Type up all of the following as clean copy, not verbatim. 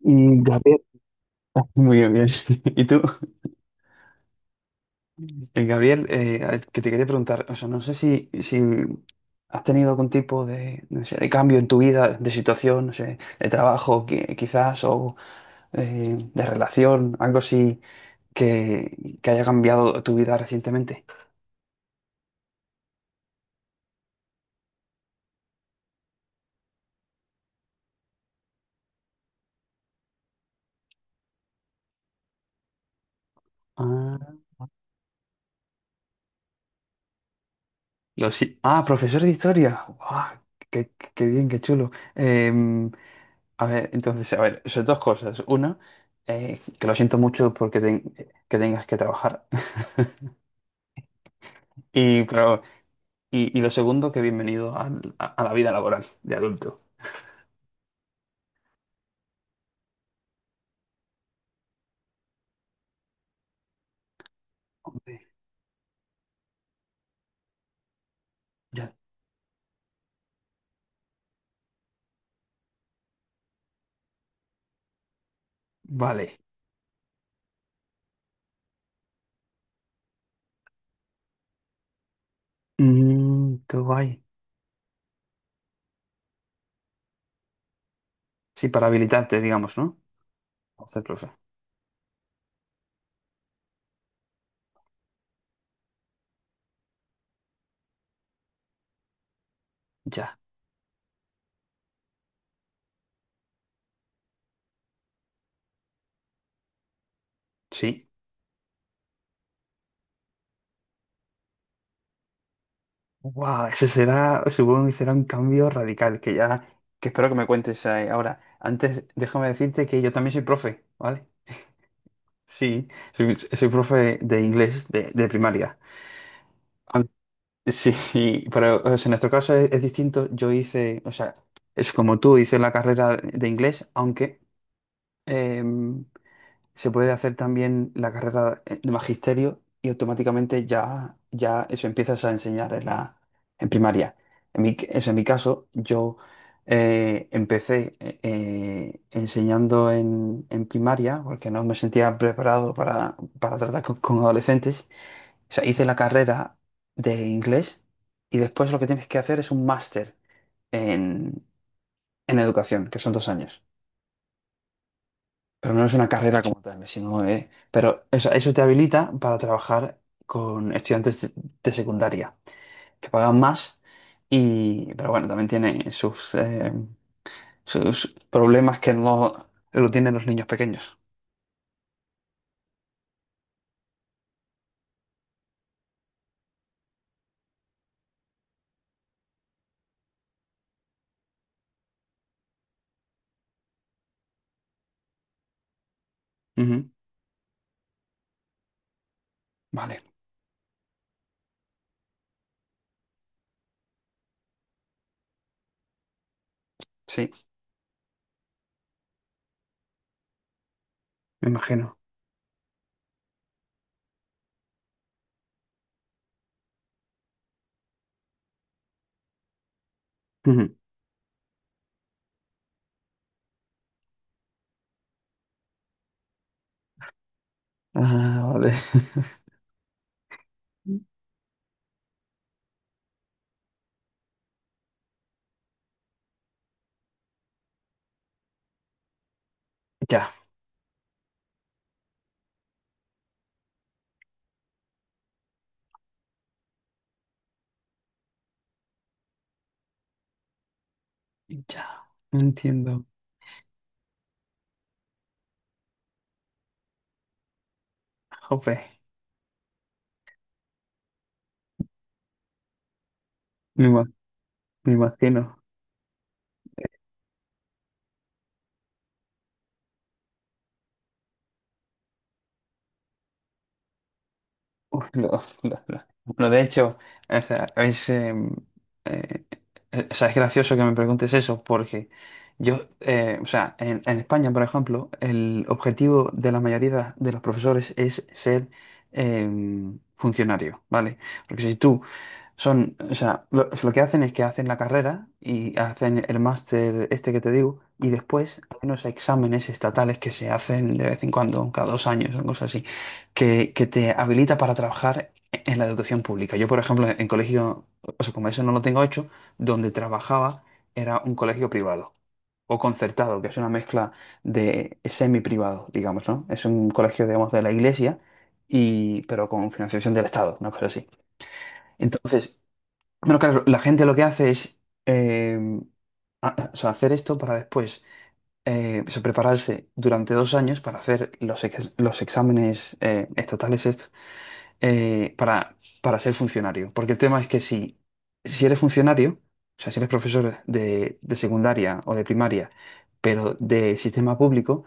Mm, Gabriel, muy bien, bien. ¿Y tú? El Gabriel, a ver, que te quería preguntar, o sea, no sé si has tenido algún tipo de, no sé, de cambio en tu vida, de situación, no sé, de trabajo quizás, o de relación, algo así que haya cambiado tu vida recientemente. Ah, lo sí. Ah, profesor de historia. Guau, qué bien, qué chulo. A ver, entonces, a ver, son dos cosas. Una, que lo siento mucho porque que tengas que trabajar. Y, claro, y lo segundo, que bienvenido al- a la vida laboral de adulto. Hombre, ya. Vale. Mm, qué guay. Sí, para habilitarte, digamos, ¿no? Para ser profe. Ya. Sí. Wow, eso será, supongo que será un cambio radical, que ya, que espero que me cuentes ahora. Antes, déjame decirte que yo también soy profe, ¿vale? Sí, soy profe de inglés de primaria. An- Sí, pero o sea, en nuestro caso es, distinto. Yo hice, o sea, es como tú, hice la carrera de inglés, aunque, em, se puede hacer también la carrera de magisterio y automáticamente ya eso empiezas a enseñar en primaria. Eso en mi caso, yo empecé enseñando en primaria porque no me sentía preparado para tratar con adolescentes. O sea, hice la carrera de inglés y después lo que tienes que hacer es un máster en, en educación, que son 2 años. Pero no es una carrera como tal, sino, pero eso te habilita para trabajar con estudiantes de secundaria, que pagan más, y, pero bueno, también tiene sus problemas que no lo tienen los niños pequeños. Ujú. Vale, sí, me imagino. Ujú. Ah, vale. Ya, ya, no entiendo. Jope, me ima- me imagino. Uf, Bueno, de hecho, o sea, eh, o sea, es gracioso que me preguntes eso, porque yo, o sea, en España, por ejemplo, el objetivo de la mayoría de los profesores es ser eh, funcionario, ¿vale? Porque si tú son, o sea, lo que hacen es que hacen la carrera y hacen el máster este que te digo, y después hay unos exámenes estatales que se hacen de vez en cuando, cada 2 años, o cosas así, que te habilita para trabajar en la educación pública. Yo, por ejemplo, en colegio, o sea, como eso no lo tengo hecho, donde trabajaba era un colegio privado o concertado, que es una mezcla de semi-privado, digamos, ¿no? Es un colegio, digamos, de la iglesia, y, pero con financiación del Estado, una cosa así. Entonces, bueno, claro, la gente lo que hace es eh, o sea, hacer esto para después o prepararse durante 2 años para hacer los exámenes estatales estos, para ser funcionario. Porque el tema es que si eres funcionario, o sea, si eres profesor de secundaria o de primaria, pero de sistema público,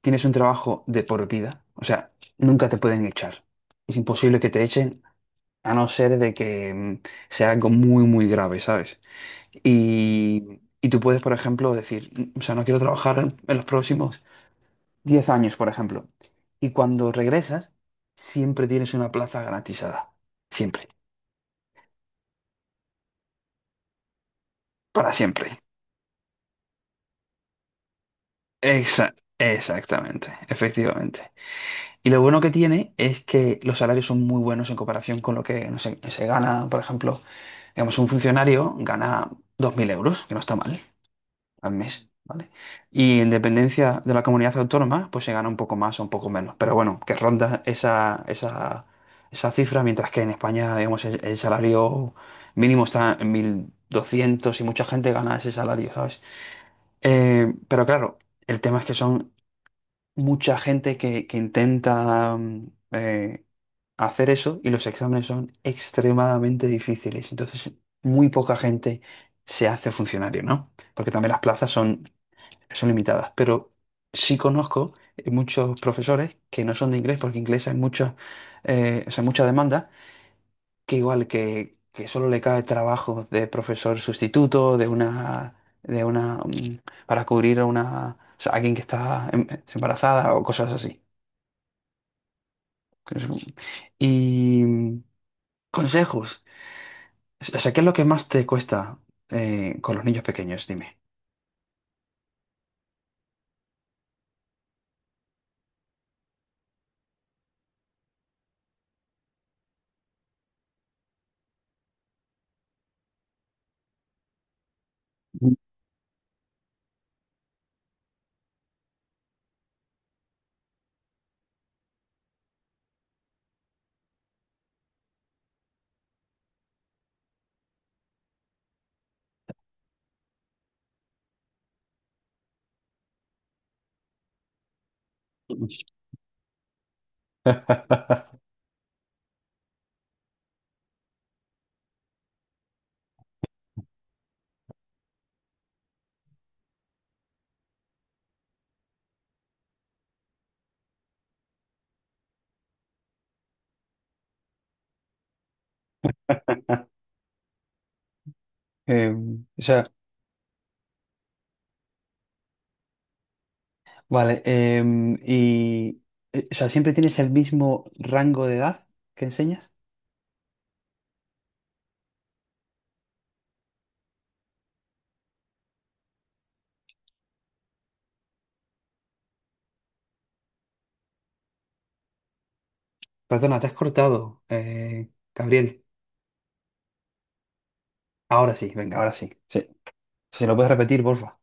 tienes un trabajo de por vida. O sea, nunca te pueden echar. Es imposible que te echen a no ser de que sea algo muy, muy grave, ¿sabes? Y tú puedes, por ejemplo, decir, O sea, no quiero trabajar en, los próximos 10 años, por ejemplo. Y cuando regresas, siempre tienes una plaza garantizada. Siempre. Para siempre. Exactamente. Efectivamente. Y lo bueno que tiene es que los salarios son muy buenos en comparación con lo que no sé, se gana, por ejemplo, digamos, un funcionario gana 2.000 euros, que no está mal, al mes, ¿vale? Y en dependencia de la comunidad autónoma, pues se gana un poco más o un poco menos. Pero bueno, que ronda esa, cifra, mientras que en España, digamos, el salario mínimo está en 1.200 y mucha gente gana ese salario, ¿sabes? Pero claro, el tema es que son mucha gente que intenta hacer eso y los exámenes son extremadamente difíciles. Entonces, muy poca gente se hace funcionario, ¿no? Porque también las plazas son limitadas, pero sí conozco muchos profesores que no son de inglés, porque inglés hay mucha, o sea, mucha demanda, que igual que solo le cae trabajo de profesor sustituto, de una, mm, para cubrir a una, o sea, alguien que está embarazada o cosas así. Y consejos. O sea, ¿qué es lo que más te cuesta con los niños pequeños? Dime. Eh, o sea, Vale, y o sea, ¿siempre tienes el mismo rango de edad que enseñas? Perdona, te has cortado, Gabriel. Ahora sí, venga, ahora sí. Sí. Si lo puedes repetir, porfa.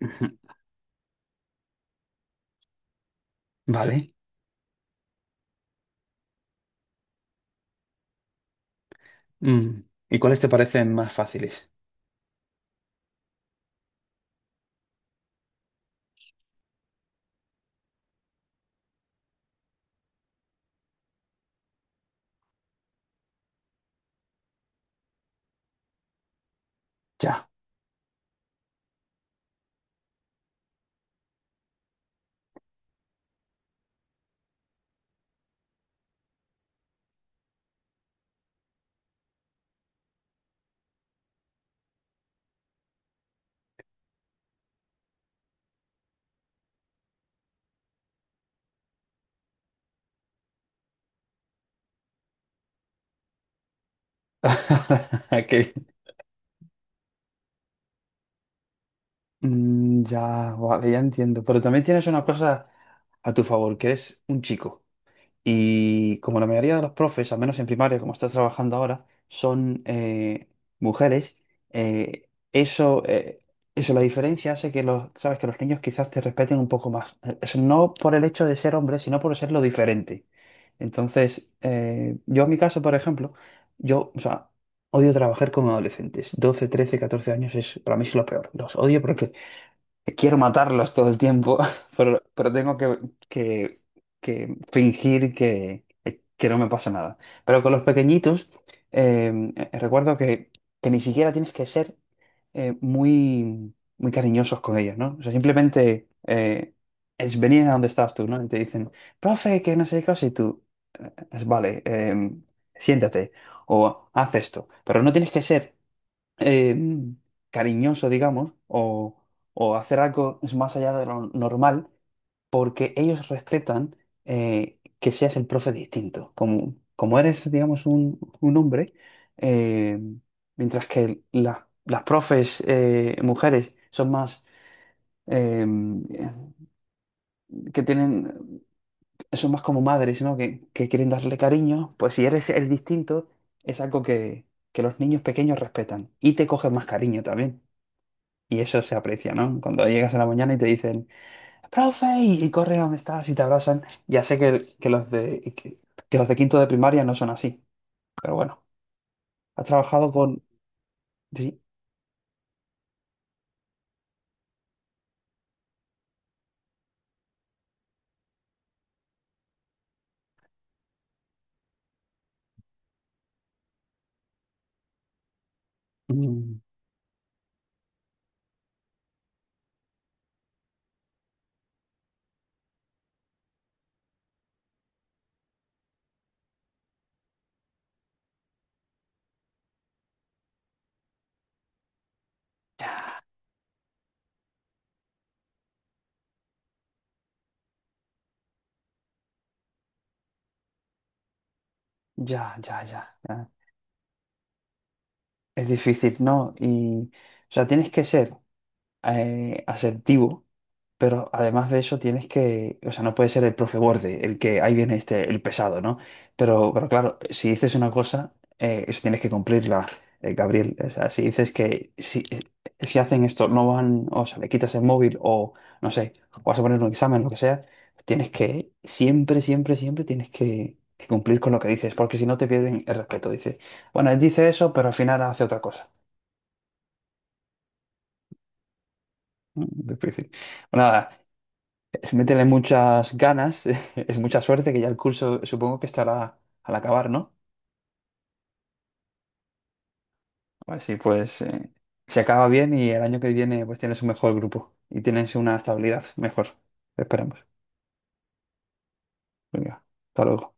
Ujú. Vale. Mm. ¿Y cuáles te parecen más fáciles? Ya. Qué bien. Mm, ya, vale, ya entiendo. Pero también tienes una cosa a tu favor, que eres un chico. Y como la mayoría de los profes, al menos en primaria, como estás trabajando ahora, son mujeres, eh, eso, eh, eso, la diferencia hace que los, sabes, que los niños quizás te respeten un poco más. Es no por el hecho de ser hombre, sino por ser lo diferente. Entonces, yo en mi caso, por ejemplo, yo, o sea, odio trabajar con adolescentes. 12, 13, 14 años es, para mí es lo peor. Los odio porque quiero matarlos todo el tiempo, pero tengo que, que- que fingir que no me pasa nada. Pero con los pequeñitos, recuerdo que ni siquiera tienes que ser muy, muy cariñosos con ellos, ¿no? O sea, simplemente es venir a donde estás tú, ¿no? Y te dicen, profe, que no sé qué cosa, y tú, es, vale, siéntate o haz esto. Pero no tienes que ser eh, cariñoso, digamos, o, hacer algo es más allá de lo normal, porque ellos respetan que seas el profe distinto. Como eres, digamos, un hombre, eh, mientras que las profes mujeres son más, eh, que tienen, son más como madres, ¿no? Que quieren darle cariño, pues si eres el distinto, es algo que los niños pequeños respetan y te cogen más cariño también. Y eso se aprecia, ¿no? Cuando llegas a la mañana y te dicen, profe, y corren a donde estás y te abrazan. Ya sé que los de quinto de primaria no son así, pero bueno, has trabajado con. Sí. Mm, ya, ya, ya, ya. Es difícil, ¿no? Y, o sea, tienes que ser asertivo. Pero además de eso tienes que, o sea, no puede ser el profe borde, el que ahí viene este, el pesado, ¿no? Pero claro, si dices una cosa, eso tienes que cumplirla, Gabriel. O sea, si dices que si hacen esto, no van, o sea, le quitas el móvil o, no sé, vas a poner un examen, lo que sea, tienes que, siempre, siempre, siempre tienes que cumplir con lo que dices, porque si no te pierden el respeto. Dices, bueno, él dice eso, pero al final hace otra cosa. Difícil. Bueno, nada. Es meterle muchas ganas, es mucha suerte que ya el curso supongo que estará al acabar, ¿no? Así pues, se acaba bien y el año que viene pues tienes un mejor grupo y tienes una estabilidad mejor. Esperemos. Venga, hasta luego.